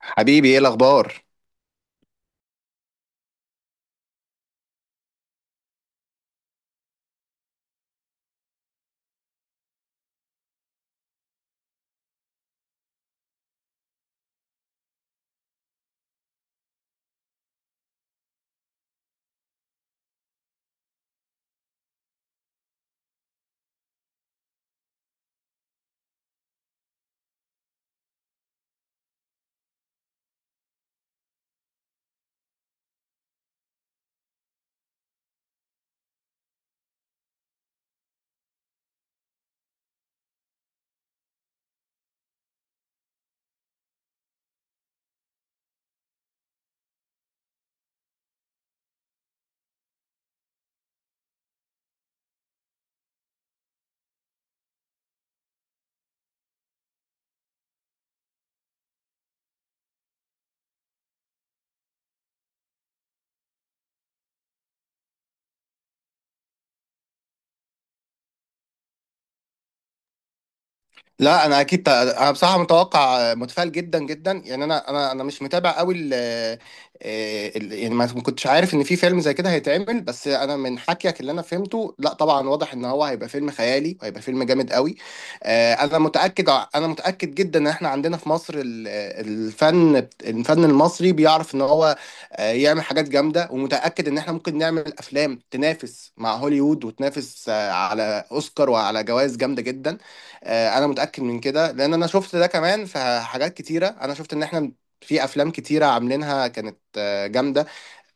حبيبي، ايه الاخبار؟ لا، انا اكيد انا بصراحه متوقع متفائل جدا جدا. يعني انا مش متابع قوي يعني ما كنتش عارف ان في فيلم زي كده هيتعمل. بس انا من حكيك اللي انا فهمته، لا طبعا واضح ان هو هيبقى فيلم خيالي وهيبقى فيلم جامد قوي. انا متاكد، انا متاكد جدا ان احنا عندنا في مصر الفن المصري بيعرف ان هو يعمل حاجات جامده، ومتاكد ان احنا ممكن نعمل افلام تنافس مع هوليوود وتنافس على اوسكار وعلى جوائز جامده جدا. انا متاكد من كده لان انا شفت ده كمان في حاجات كتيره. انا شفت ان احنا في افلام كتيره عاملينها كانت جامده.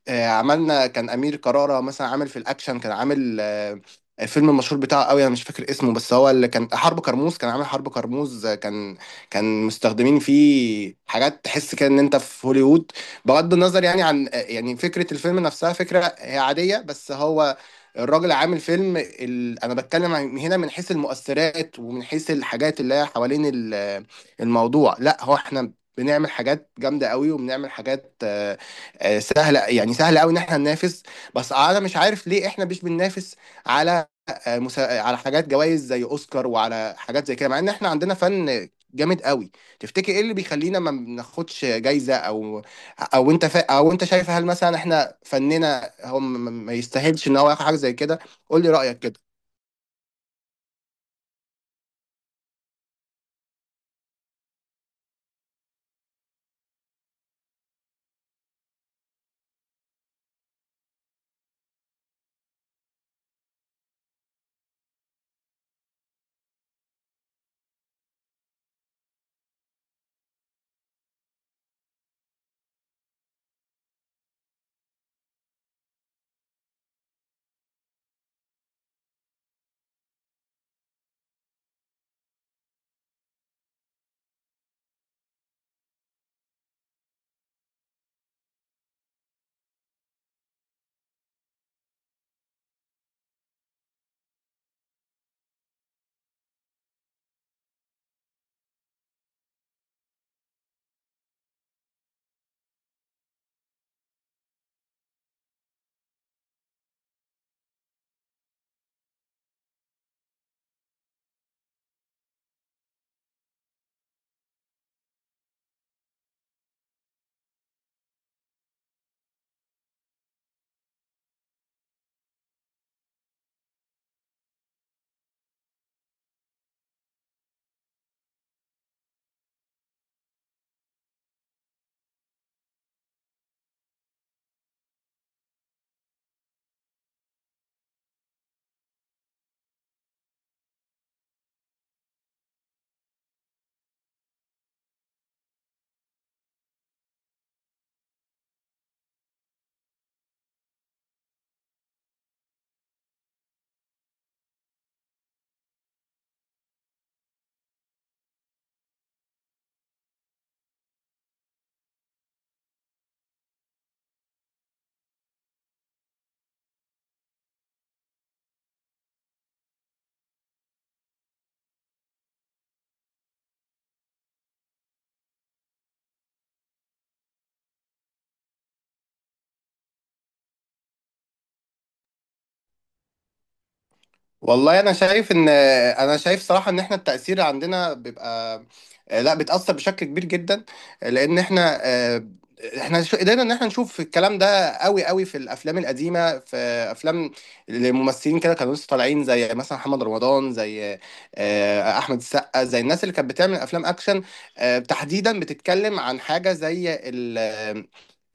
عملنا كان امير كرارة مثلا عامل في الاكشن، كان عامل الفيلم المشهور بتاعه قوي، انا مش فاكر اسمه، بس هو اللي كان حرب كرموز. كان عامل حرب كرموز، كان مستخدمين فيه حاجات تحس كده ان انت في هوليوود. بغض النظر يعني عن يعني فكرة الفيلم نفسها، فكرة هي عادية، بس هو الراجل عامل فيلم انا بتكلم هنا من حيث المؤثرات ومن حيث الحاجات اللي هي حوالين الموضوع. لا، هو احنا بنعمل حاجات جامدة قوي، وبنعمل حاجات سهله، يعني سهله قوي ان احنا ننافس. بس انا مش عارف ليه احنا مش بننافس على على حاجات جوائز زي اوسكار وعلى حاجات زي كده، مع ان احنا عندنا فن جامد قوي. تفتكر ايه اللي بيخلينا ما بناخدش جايزه؟ او انت شايف هل مثلا احنا فننا هو ما يستاهلش ان هو ياخد حاجه زي كده؟ قول لي رايك كده. والله، انا شايف صراحه ان احنا التاثير عندنا بيبقى، لا، بتاثر بشكل كبير جدا. لان احنا قدرنا ان احنا نشوف الكلام ده قوي قوي في الافلام القديمه، في افلام الممثلين كده كانوا لسه طالعين، زي مثلا محمد رمضان، زي احمد السقا، زي الناس اللي كانت بتعمل افلام اكشن. تحديدا بتتكلم عن حاجه زي ال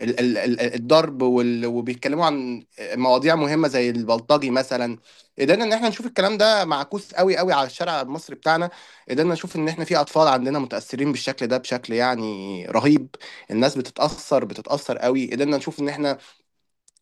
ال- ال- ال- الضرب، وبيتكلموا عن مواضيع مهمة زي البلطجي مثلا. قدرنا ان احنا نشوف الكلام ده معكوس قوي قوي على الشارع المصري بتاعنا. قدرنا نشوف ان احنا في اطفال عندنا متاثرين بالشكل ده بشكل يعني رهيب. الناس بتتاثر قوي. قدرنا نشوف ان احنا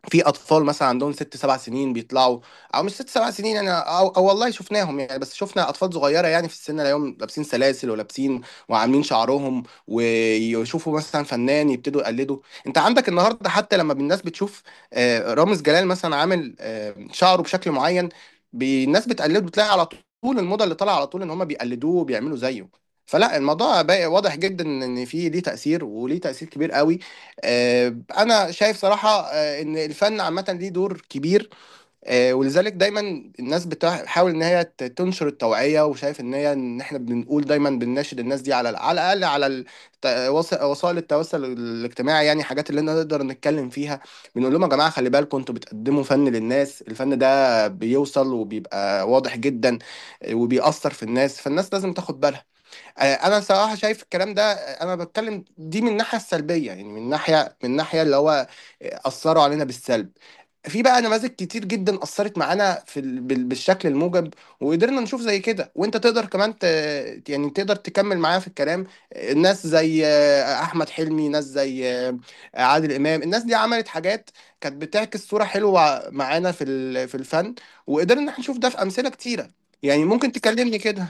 في اطفال مثلا عندهم ست سبع سنين بيطلعوا، او مش ست سبع سنين يعني، أو والله شفناهم، يعني بس شفنا اطفال صغيره يعني في السن اليوم، لابسين سلاسل ولابسين وعاملين شعرهم، ويشوفوا مثلا فنان يبتدوا يقلدوا. انت عندك النهارده حتى لما الناس بتشوف رامز جلال مثلا عامل شعره بشكل معين، الناس بتقلده. بتلاقي على طول الموضه اللي طالعه على طول ان هم بيقلدوه وبيعملوا زيه. فلا، الموضوع بقى واضح جدا ان في ليه تاثير، وليه تاثير كبير قوي. انا شايف صراحه ان الفن عامه ليه دور كبير. ولذلك دايما الناس بتحاول ان هي تنشر التوعيه، وشايف ان هي ان احنا بنقول دايما، بنناشد الناس دي على على الاقل على وسائل التواصل الاجتماعي، يعني حاجات اللي احنا نقدر نتكلم فيها. بنقول لهم يا جماعه، خلي بالكم انتوا بتقدموا فن للناس، الفن ده بيوصل وبيبقى واضح جدا، وبيأثر في الناس، فالناس لازم تاخد بالها. انا صراحه شايف الكلام ده، انا بتكلم دي من الناحيه السلبيه، يعني من ناحيه اللي هو اثروا علينا بالسلب. في بقى نماذج كتير جدا اثرت معانا في بالشكل الموجب، وقدرنا نشوف زي كده، وانت تقدر كمان يعني تقدر تكمل معايا في الكلام. ناس زي احمد حلمي، ناس زي عادل امام، الناس دي عملت حاجات كانت بتعكس صوره حلوه معانا في في الفن، وقدرنا ان احنا نشوف ده في امثله كتيره. يعني ممكن تكلمني كده.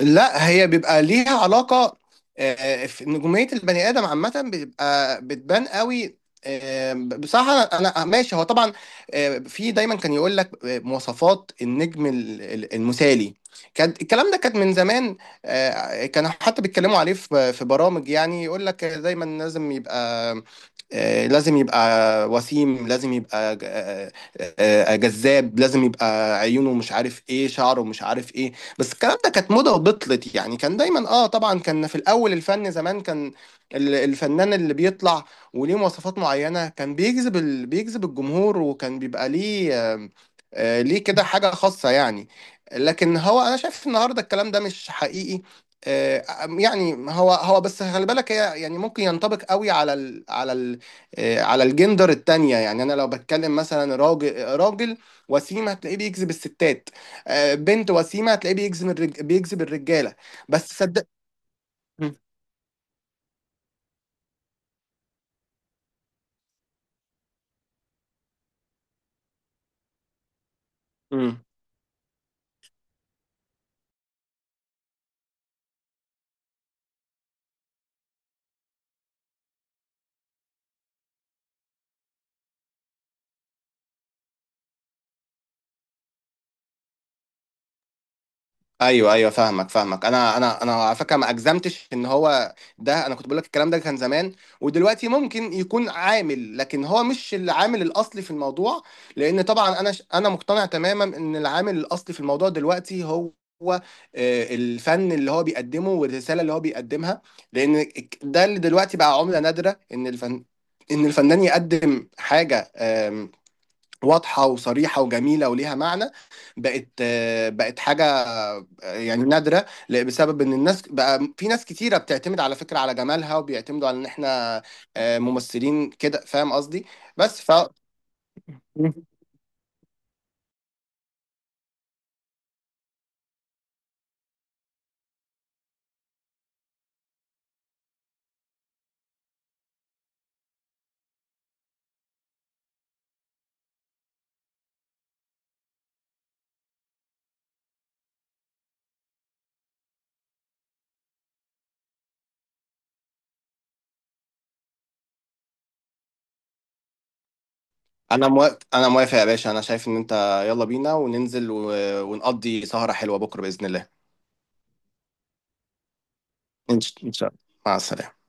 لا، هي بيبقى ليها علاقة. آه، في نجومية البني آدم عامة بتبقى بتبان قوي. بصراحة ماشي هو طبعا. في دايما كان يقول لك مواصفات النجم المثالي. كان الكلام ده كان من زمان. كانوا حتى بيتكلموا عليه في برامج، يعني يقول لك دايما لازم يبقى لازم يبقى وسيم، لازم يبقى جذاب، لازم يبقى عيونه مش عارف ايه، شعره مش عارف ايه. بس الكلام ده كانت موضة وبطلت. يعني كان دايما، اه طبعا، كان في الاول الفن زمان كان الفنان اللي بيطلع وليه مواصفات معينة كان بيجذب الجمهور، وكان بيبقى ليه ليه كده حاجة خاصة يعني. لكن هو انا شايف النهاردة الكلام ده مش حقيقي. آه، يعني هو بس خلي بالك، هي يعني ممكن ينطبق قوي على ال على ال آه، على الجندر التانية. يعني انا لو بتكلم مثلا راجل راجل وسيم، هتلاقيه بيجذب الستات. بنت وسيمه هتلاقيه بيجذب الرجاله. بس صدق. مم. مم. ايوه، ايوه، فاهمك، فاهمك. انا على فكره، ما اجزمتش ان هو ده. انا كنت بقول لك الكلام ده كان زمان، ودلوقتي ممكن يكون عامل، لكن هو مش العامل الاصلي في الموضوع. لان طبعا انا مقتنع تماما ان العامل الاصلي في الموضوع دلوقتي هو الفن اللي هو بيقدمه، والرساله اللي هو بيقدمها. لان ده اللي دلوقتي بقى عمله نادره، ان الفنان يقدم حاجه واضحة وصريحة وجميلة وليها معنى، بقت حاجة يعني نادرة، بسبب ان الناس بقى، في ناس كتيرة بتعتمد على فكرة، على جمالها، وبيعتمدوا على ان احنا ممثلين كده، فاهم قصدي؟ بس ف انا موافق، انا موافق يا باشا. انا شايف ان انت، يلا بينا وننزل ونقضي سهرة حلوة بكرة بإذن الله. إن شاء الله. مع السلامة.